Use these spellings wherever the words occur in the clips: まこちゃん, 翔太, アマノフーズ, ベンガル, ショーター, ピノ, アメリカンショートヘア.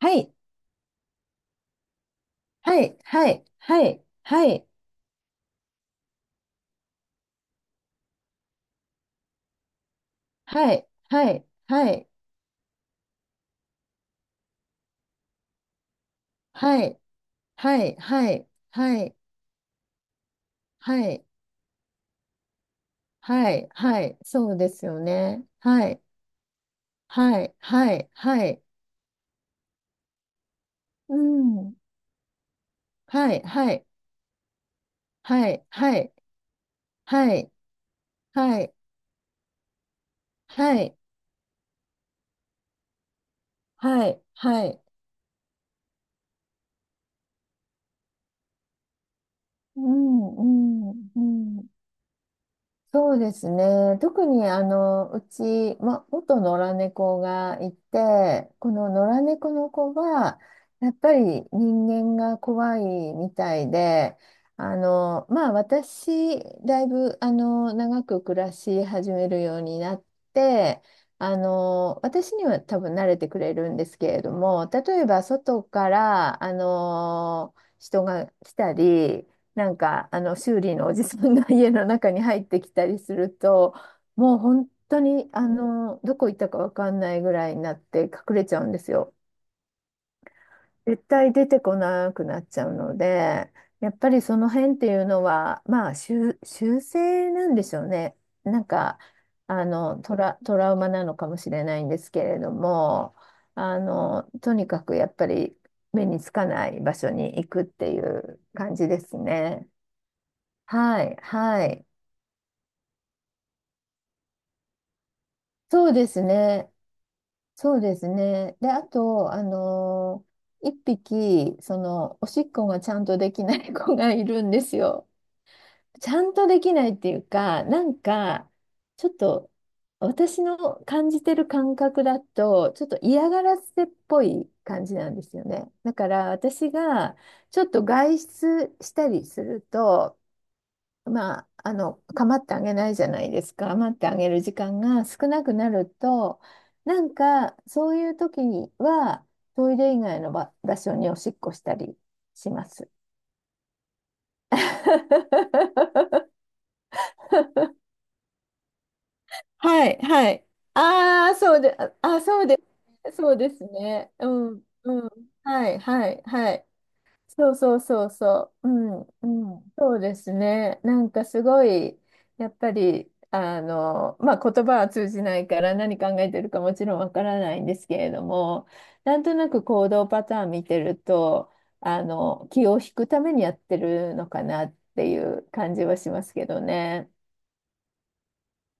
はい、はい、はい、はい、はい、はい、はい、はい、はい、はい、はい、はい、はい、はい、はい、そうですよね。はい、はい、はい、はい、うん、はい、はい、はい、はい、はい、はい、はい、はい、はい、うん、うん、うん。そうですね。特にうち、ま、元野良猫がいて、この野良猫の子は、やっぱり人間が怖いみたいで、まあ私、だいぶ長く暮らし始めるようになって、私には多分慣れてくれるんですけれども、例えば外から、人が来たり、なんかあの修理のおじさんが 家の中に入ってきたりするともう本当にどこ行ったか分かんないぐらいになって隠れちゃうんですよ。絶対出てこなくなっちゃうのでやっぱりその辺っていうのはまあ修正なんでしょうね。なんかトラウマなのかもしれないんですけれどもとにかくやっぱり目につかない場所に行くっていう感じですね。はい、はい。そうですね。そうですね。で、あと、一匹、その、おしっこがちゃんとできない子がいるんですよ。ちゃんとできないっていうか、なんか、ちょっと、私の感じてる感覚だと、ちょっと嫌がらせっぽい感じなんですよね。だから、私が、ちょっと外出したりすると、まあ、あの、構ってあげないじゃないですか。構ってあげる時間が少なくなると、なんか、そういう時には、トイレ以外の場所におしっこしたりします。はい、はい。ああ、そうですね。そうですね。うん、うん。はい、はい、はい。そうそうそうそう。うん。うん。そうですね。なんかすごい、やっぱり、まあ、言葉は通じないから何考えてるかもちろんわからないんですけれども、なんとなく行動パターン見てると、気を引くためにやってるのかなっていう感じはしますけどね。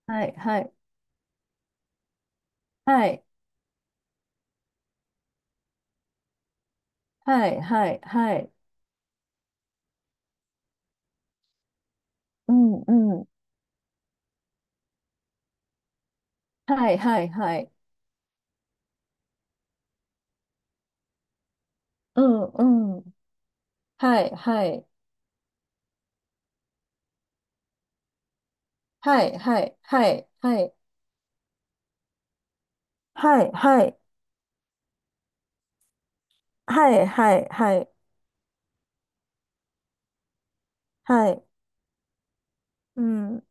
はい、はい、はい、はい、はい、はい、うん、うん、はい、はい、はい、うん、うん、はい、はい、はい、はい、はい、はい。はい、はい、はい、はい、はい、はい、うん。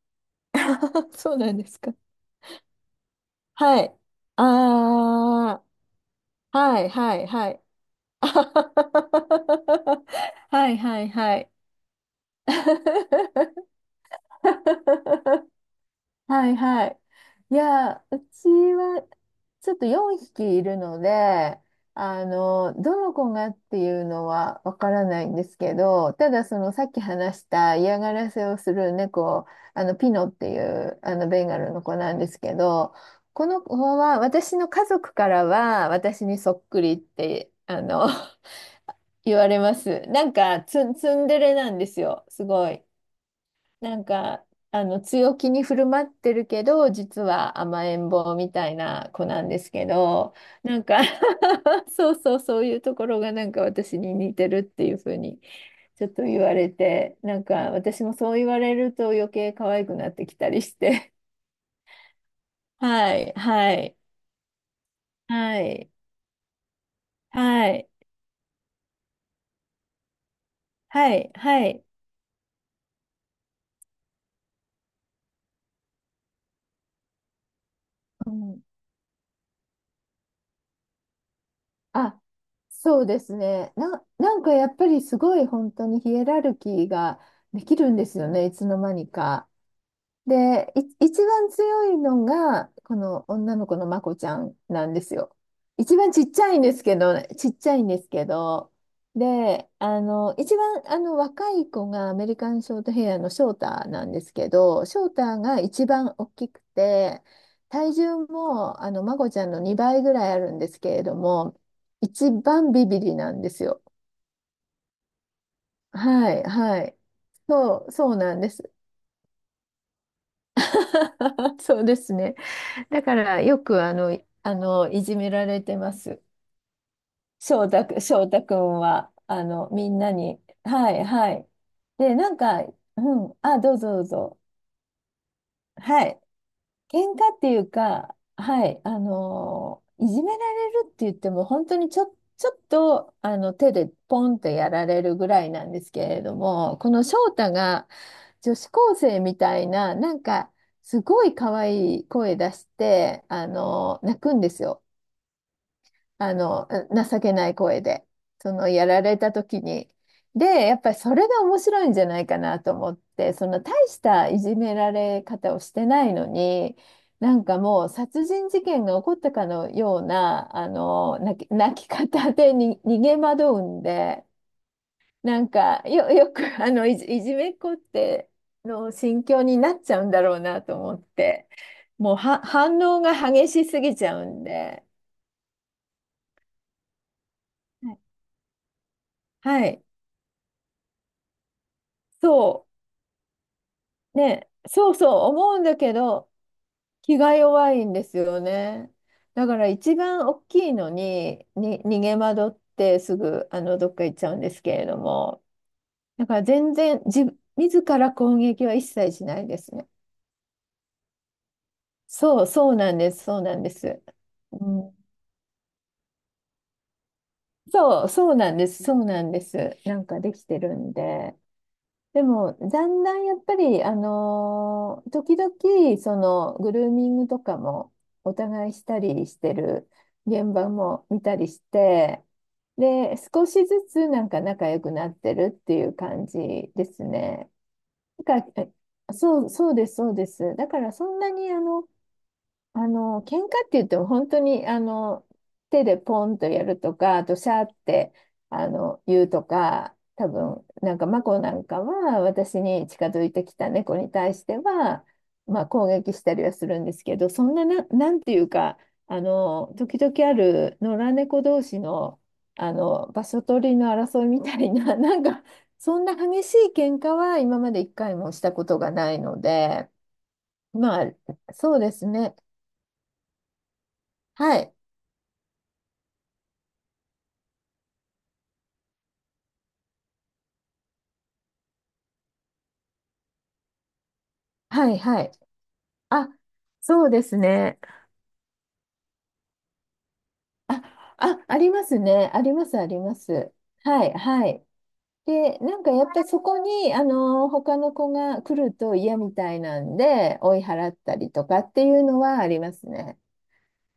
そうなんですか。はい。ああ、はい、はい、はい。あははははははい、はい、はい。はいはい。いや、うちはちょっと4匹いるので、どの子がっていうのはわからないんですけど、ただそのさっき話した嫌がらせをする猫、あのピノっていうあのベンガルの子なんですけど、この子は私の家族からは私にそっくりって言われます。なんかツンデレなんですよ、すごい。なんか、強気に振る舞ってるけど、実は甘えん坊みたいな子なんですけど、なんか そうそう、そういうところがなんか私に似てるっていうふうに、ちょっと言われて、なんか私もそう言われると余計可愛くなってきたりして。はい、はい、はい、はい、はい、はい。うんあ、そうですね。なんかやっぱりすごい本当にヒエラルキーができるんですよね、いつの間にか。で、一番強いのが、この女の子のまこちゃんなんですよ。一番ちっちゃいんですけど、ちっちゃいんですけど、で、一番若い子がアメリカンショートヘアのショーターなんですけど、ショーターが一番大きくて、体重もまこちゃんの2倍ぐらいあるんですけれども、一番ビビリなんですよ。はい、はい。そう、そうなんです。そうですね。だからよくいじめられてます。翔太くんは、みんなに。はい、はい。で、なんか、うん、あ、どうぞどうぞ。はい。喧嘩っていうか、はい、いじめられるって言っても、本当にちょっと手でポンってやられるぐらいなんですけれども、この翔太が女子高生みたいな、なんかすごい可愛い声出して、泣くんですよ。あの、情けない声で、そのやられた時に。で、やっぱりそれが面白いんじゃないかなと思って、その大したいじめられ方をしてないのに、なんかもう殺人事件が起こったかのような、泣き方でに逃げ惑うんで、なんかよくいじめっ子っての心境になっちゃうんだろうなと思って、もうは反応が激しすぎちゃうんで、はい。はいそう。ね、そうそう思うんだけど気が弱いんですよね。だから一番大きいのに、に逃げ惑ってすぐどっか行っちゃうんですけれどもだから全然自ら攻撃は一切しないですね。そうそうなんですそうなんです。うん、そうそうなんですそうなんです。なんかできてるんで。でも、だんだんやっぱり、時々、その、グルーミングとかも、お互いしたりしてる現場も見たりして、で、少しずつなんか仲良くなってるっていう感じですね。だから、そう、そうです、そうです。だから、そんなに、喧嘩って言っても本当に、手でポンとやるとか、あとシャーって、言うとか、多分、なんか、マコなんかは、私に近づいてきた猫に対しては、まあ、攻撃したりはするんですけど、そんな、なんていうか、時々ある野良猫同士の、場所取りの争いみたいな、なんか、そんな激しい喧嘩は今まで一回もしたことがないので、まあ、そうですね。はい。はいはい。あ、そうですね。あ、ありますね。あります、あります。はい、はい。で、なんかやっぱりそこに、他の子が来ると嫌みたいなんで、追い払ったりとかっていうのはありますね。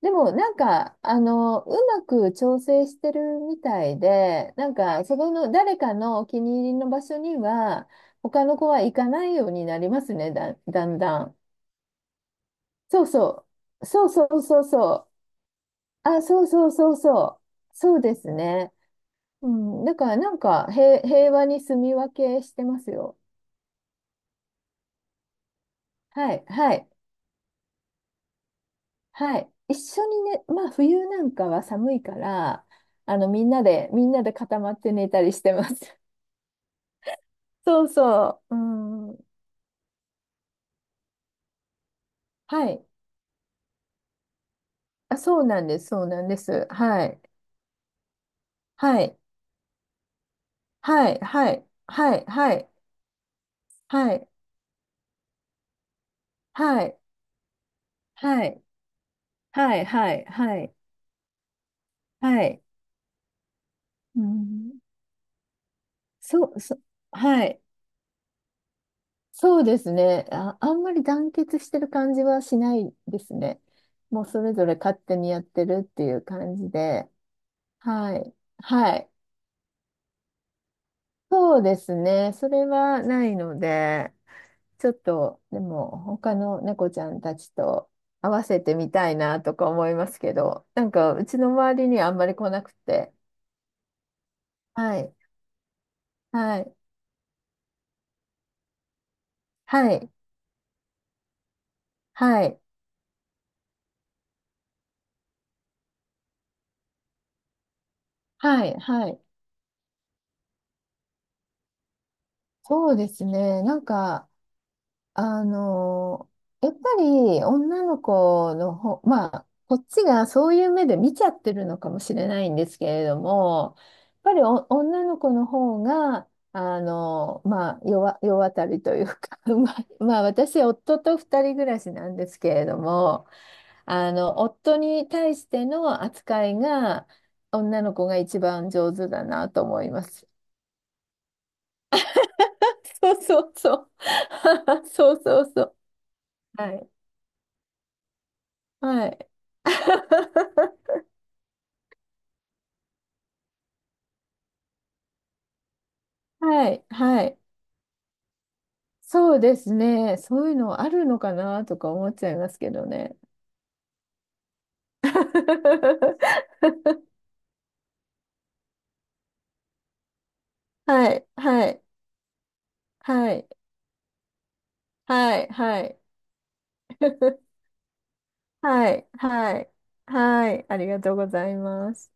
でも、なんか、うまく調整してるみたいで、なんか、そこの誰かのお気に入りの場所には、他の子は行かないようになりますね、だんだん。そうそう。そうそうそうそう。あ、そうそうそうそう。そうですね。うん、だからなんか平和に住み分けしてますよ。はい、はい、はい。一緒にね、まあ冬なんかは寒いから、みんなで、みんなで固まって寝たりしてます。そうそう。うん。はい。あ、そうなんです、そうなんです。はい。はい。はい。はい。はい。はい。はい。はい。はい。はい。はい。はい。はい。うん。そう、そう。はい。そうですね。あ、あんまり団結してる感じはしないですね。もうそれぞれ勝手にやってるっていう感じで。はい。はい。そうですね。それはないので、ちょっと、でも、他の猫ちゃんたちと合わせてみたいなとか思いますけど、なんか、うちの周りにはあんまり来なくて。はい。はい。はい。はい。はい。はい。そうですね。なんか、あの、やっぱり女の子のほまあ、こっちがそういう目で見ちゃってるのかもしれないんですけれども、やっぱりお女の子の方が、まあ、世渡りというか、まあ、まあ、私、夫と二人暮らしなんですけれども、夫に対しての扱いが、女の子が一番上手だなと思います。そうそうそう。そうそうそう。はいはい。はい、はい。そうですね。そういうのあるのかなとか思っちゃいますけどね。はい、はい、はい、はい、はい。はい、はい、はい。ありがとうございます。